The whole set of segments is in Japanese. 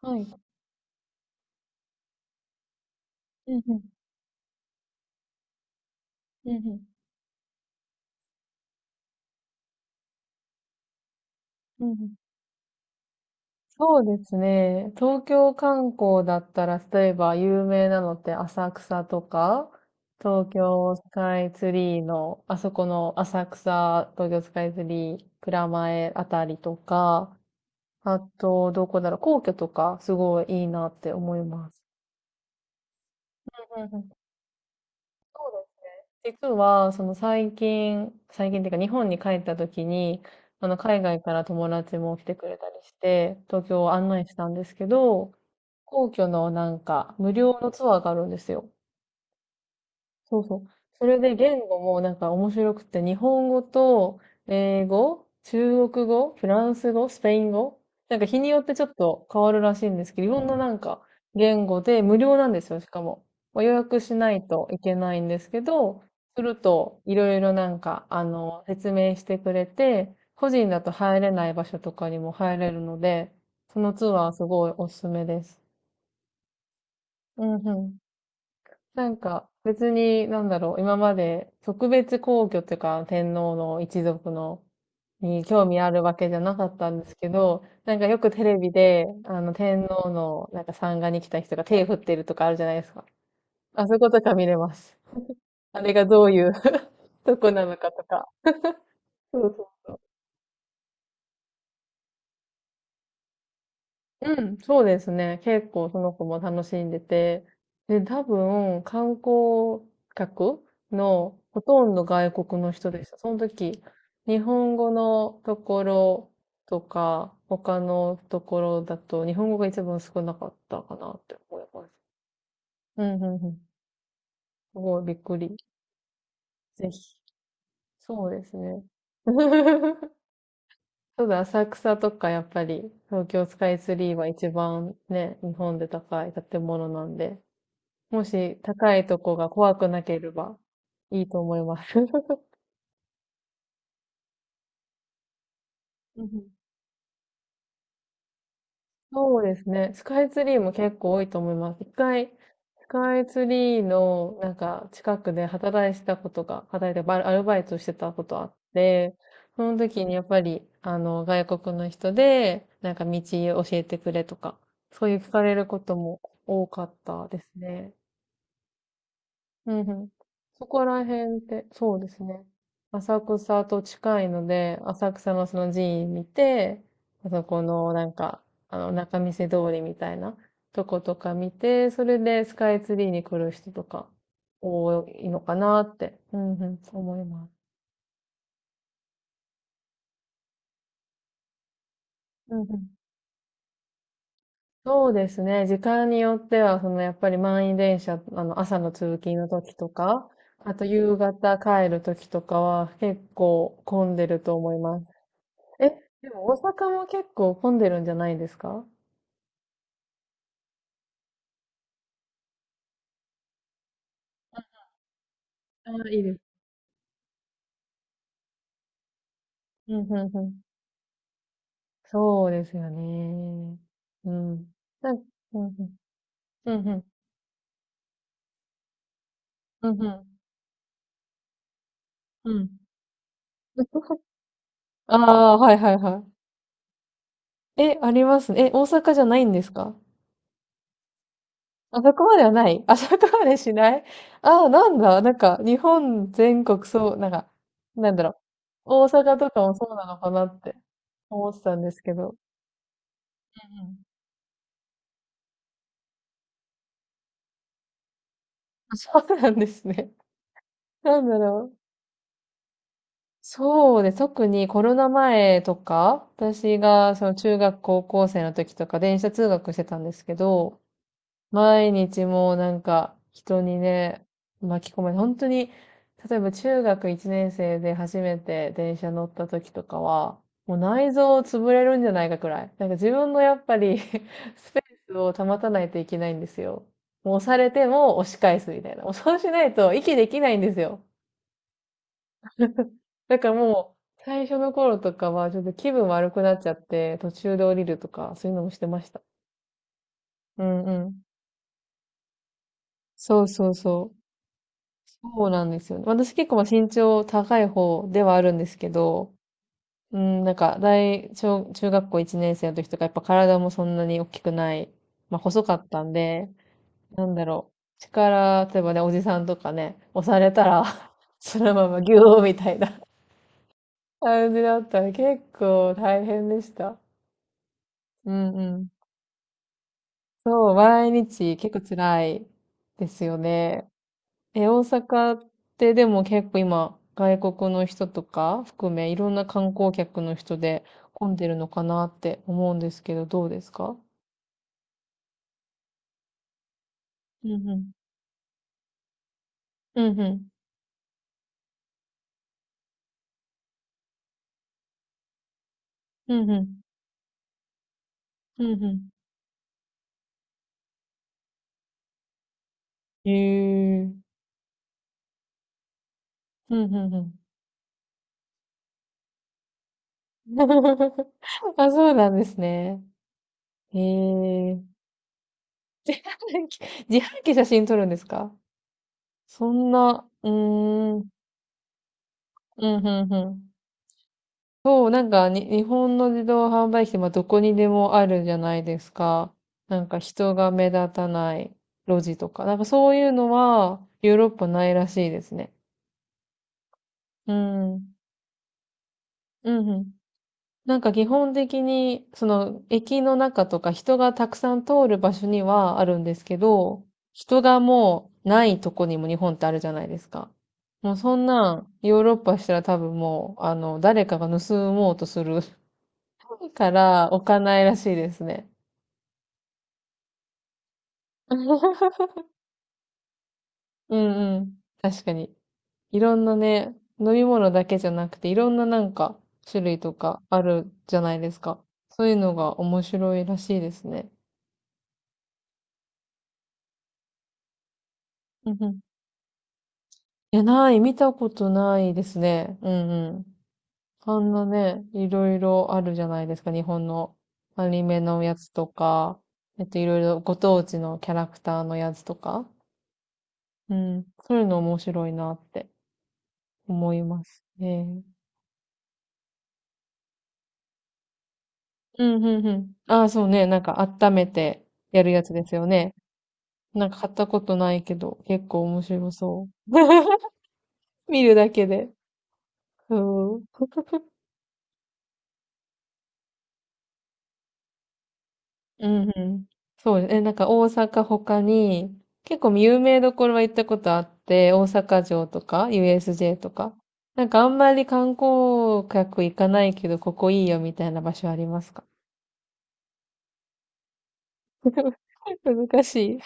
はい。うんうん。うんうん。うんうん。そうですね。東京観光だったら、例えば有名なのって浅草とか、東京スカイツリーの、あそこの浅草、東京スカイツリー、蔵前あたりとか、あと、どこだろう、皇居とか、すごいいいなって思います。うんうん。そうです。実は、最近、最近っていうか日本に帰った時に、海外から友達も来てくれたりして、東京を案内したんですけど、皇居のなんか無料のツアーがあるんですよ。そうそう。それで言語もなんか面白くて、日本語と英語、中国語、フランス語、スペイン語、なんか日によってちょっと変わるらしいんですけど、いろんななんか言語で無料なんですよ、しかも。まあ予約しないといけないんですけど、するといろいろなんか、説明してくれて、個人だと入れない場所とかにも入れるので、そのツアーすごいおすすめです。うんうん。なんか別に、なんだろう、今まで特別皇居というか天皇の一族のに興味あるわけじゃなかったんですけど、なんかよくテレビで、天皇のなんか参賀に来た人が手振ってるとかあるじゃないですか。あそことか見れます。あれがどういう とこなのかとか。そうそう。うん、そうですね。結構その子も楽しんでて。で、多分、観光客のほとんど外国の人でした。その時、日本語のところとか、他のところだと、日本語が一番少なかったかなって思います。うん。すごいびっくり。ぜひ。そうですね。ちょっと浅草とかやっぱり東京スカイツリーは一番ね、日本で高い建物なんで、もし高いとこが怖くなければいいと思います。うんうん。そうですね。スカイツリーも結構多いと思います。一回、スカイツリーのなんか近くで働いてたことが、働いてバイアルバイトしてたことあって、その時にやっぱり、外国の人で、なんか道教えてくれとか、そういう聞かれることも多かったですね。うんうん。そこら辺って、そうですね。浅草と近いので、浅草のその寺院見て、あそこのなんか、仲見世通りみたいなとことか見て、それでスカイツリーに来る人とか多いのかなって、うんうん、思います。うんうん。そうですね。時間によっては、そのやっぱり満員電車、朝の通勤の時とか、あと夕方帰る時とかは結構混んでると思います。え、でも大阪も結構混んでるんじゃないですか？ああ、いいです。うんうんうん。そうですよね。うん。なん、うんうん。うんうん。うんうん。ああ、はいはいはい。え、ありますね。え、大阪じゃないんですか？あそこまではない。あそこまでしない。ああー、なんだ。なんか、日本全国そう、なんだろう。大阪とかもそうなのかなって思ってたんですけど。うんうん。あ そうなんですね。なんだろう。そうで、特にコロナ前とか、私がその中学高校生の時とか電車通学してたんですけど、毎日もうなんか人にね、巻き込まれて、本当に、例えば中学1年生で初めて電車乗った時とかは、もう内臓潰れるんじゃないかくらい。なんか自分のやっぱり スペースを保たないといけないんですよ。もう押されても押し返すみたいな。もうそうしないと息できないんですよ。だからもう、最初の頃とかは、ちょっと気分悪くなっちゃって、途中で降りるとか、そういうのもしてました。うんうん。そうそうそう。そうなんですよね。私結構まあ身長高い方ではあるんですけど、うん、なんか大、小、中学校1年生の時とか、やっぱ体もそんなに大きくない、まあ細かったんで、なんだろう。力、例えばね、おじさんとかね、押されたら そのままギューみたいな感じだったら結構大変でした。うんうん。そう、毎日結構辛いですよね。え、大阪ってでも結構今、外国の人とか含め、いろんな観光客の人で混んでるのかなって思うんですけど、どうですか？うんうん。うんうん。うんうん。うんうへえ。うんうんうん。あ、そうなんですね。へえ。自販機写真撮るんですか？そんな、うーん。うんうんうん。そう、なんかに、日本の自動販売機って、まあ、どこにでもあるじゃないですか。なんか人が目立たない路地とか。なんかそういうのはヨーロッパないらしいですね。うん。うんうん。なんか基本的に、その駅の中とか人がたくさん通る場所にはあるんですけど、人がもうないとこにも日本ってあるじゃないですか。もうそんなんヨーロッパしたら多分もう、誰かが盗もうとするから置かないらしいですね。うんうん。確かに。いろんなね、飲み物だけじゃなくて、いろんななんか種類とかあるじゃないですか。そういうのが面白いらしいですね。うんうん。いや、ない、見たことないですね。うんうん。あんなね、いろいろあるじゃないですか。日本のアニメのやつとか、えっと、いろいろご当地のキャラクターのやつとか。うん。そういうの面白いなって思いますね。うん、うん、うん。ああ、そうね。なんか温めてやるやつですよね。なんか買ったことないけど、結構面白そう。見るだけで。そう。うん、うん。そうです。え、なんか大阪他に、結構有名どころは行ったことあって、大阪城とか USJ とか。なんかあんまり観光客行かないけど、ここいいよみたいな場所ありますか？ 難しい。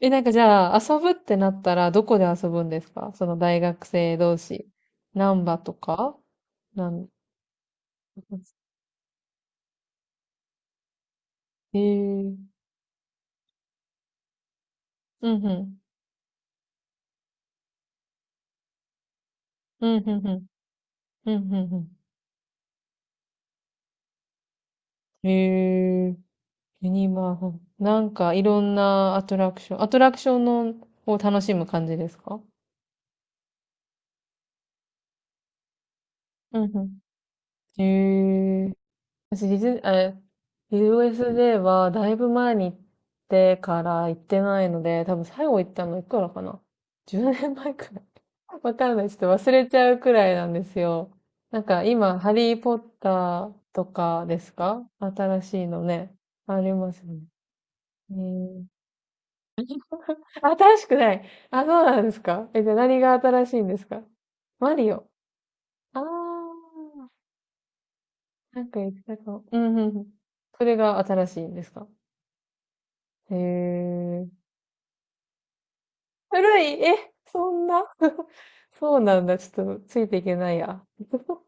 え、なんかじゃあ、遊ぶってなったら、どこで遊ぶんですか？その大学生同士。難波とか？なん、えー、うんうん。うんうんうん。うんうんうん。えー、ユニバーフ。なんか、いろんなアトラクション。アトラクションのを楽しむ感じですか？うんうん。え、私ディズ、え、USJ はだいぶ前に行ってから行ってないので、多分最後行ったのいくらかな？ 10 年前くらい。わかんない。ちょっと忘れちゃうくらいなんですよ。なんか今、ハリーポッターとかですか？新しいのね。ありますね。えー、新しくない。あ、そうなんですか？え、じゃあ何が新しいんですか？マリオ。あー、なんか言ってたかも。うんうんうん。それが新しいんですか？へえ。古い、え、そんな そうなんだ。ちょっとついていけないや。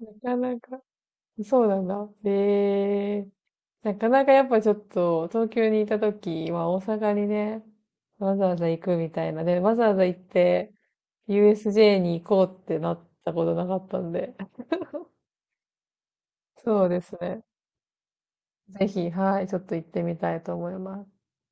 なかなか。そうなんだ。へえ。なかなかやっぱちょっと東京にいた時は大阪にね、わざわざ行くみたいな。で、わざわざ行って USJ に行こうってなったことなかったんで。そうですね。ぜひ、はい、ちょっと行ってみたいと思います。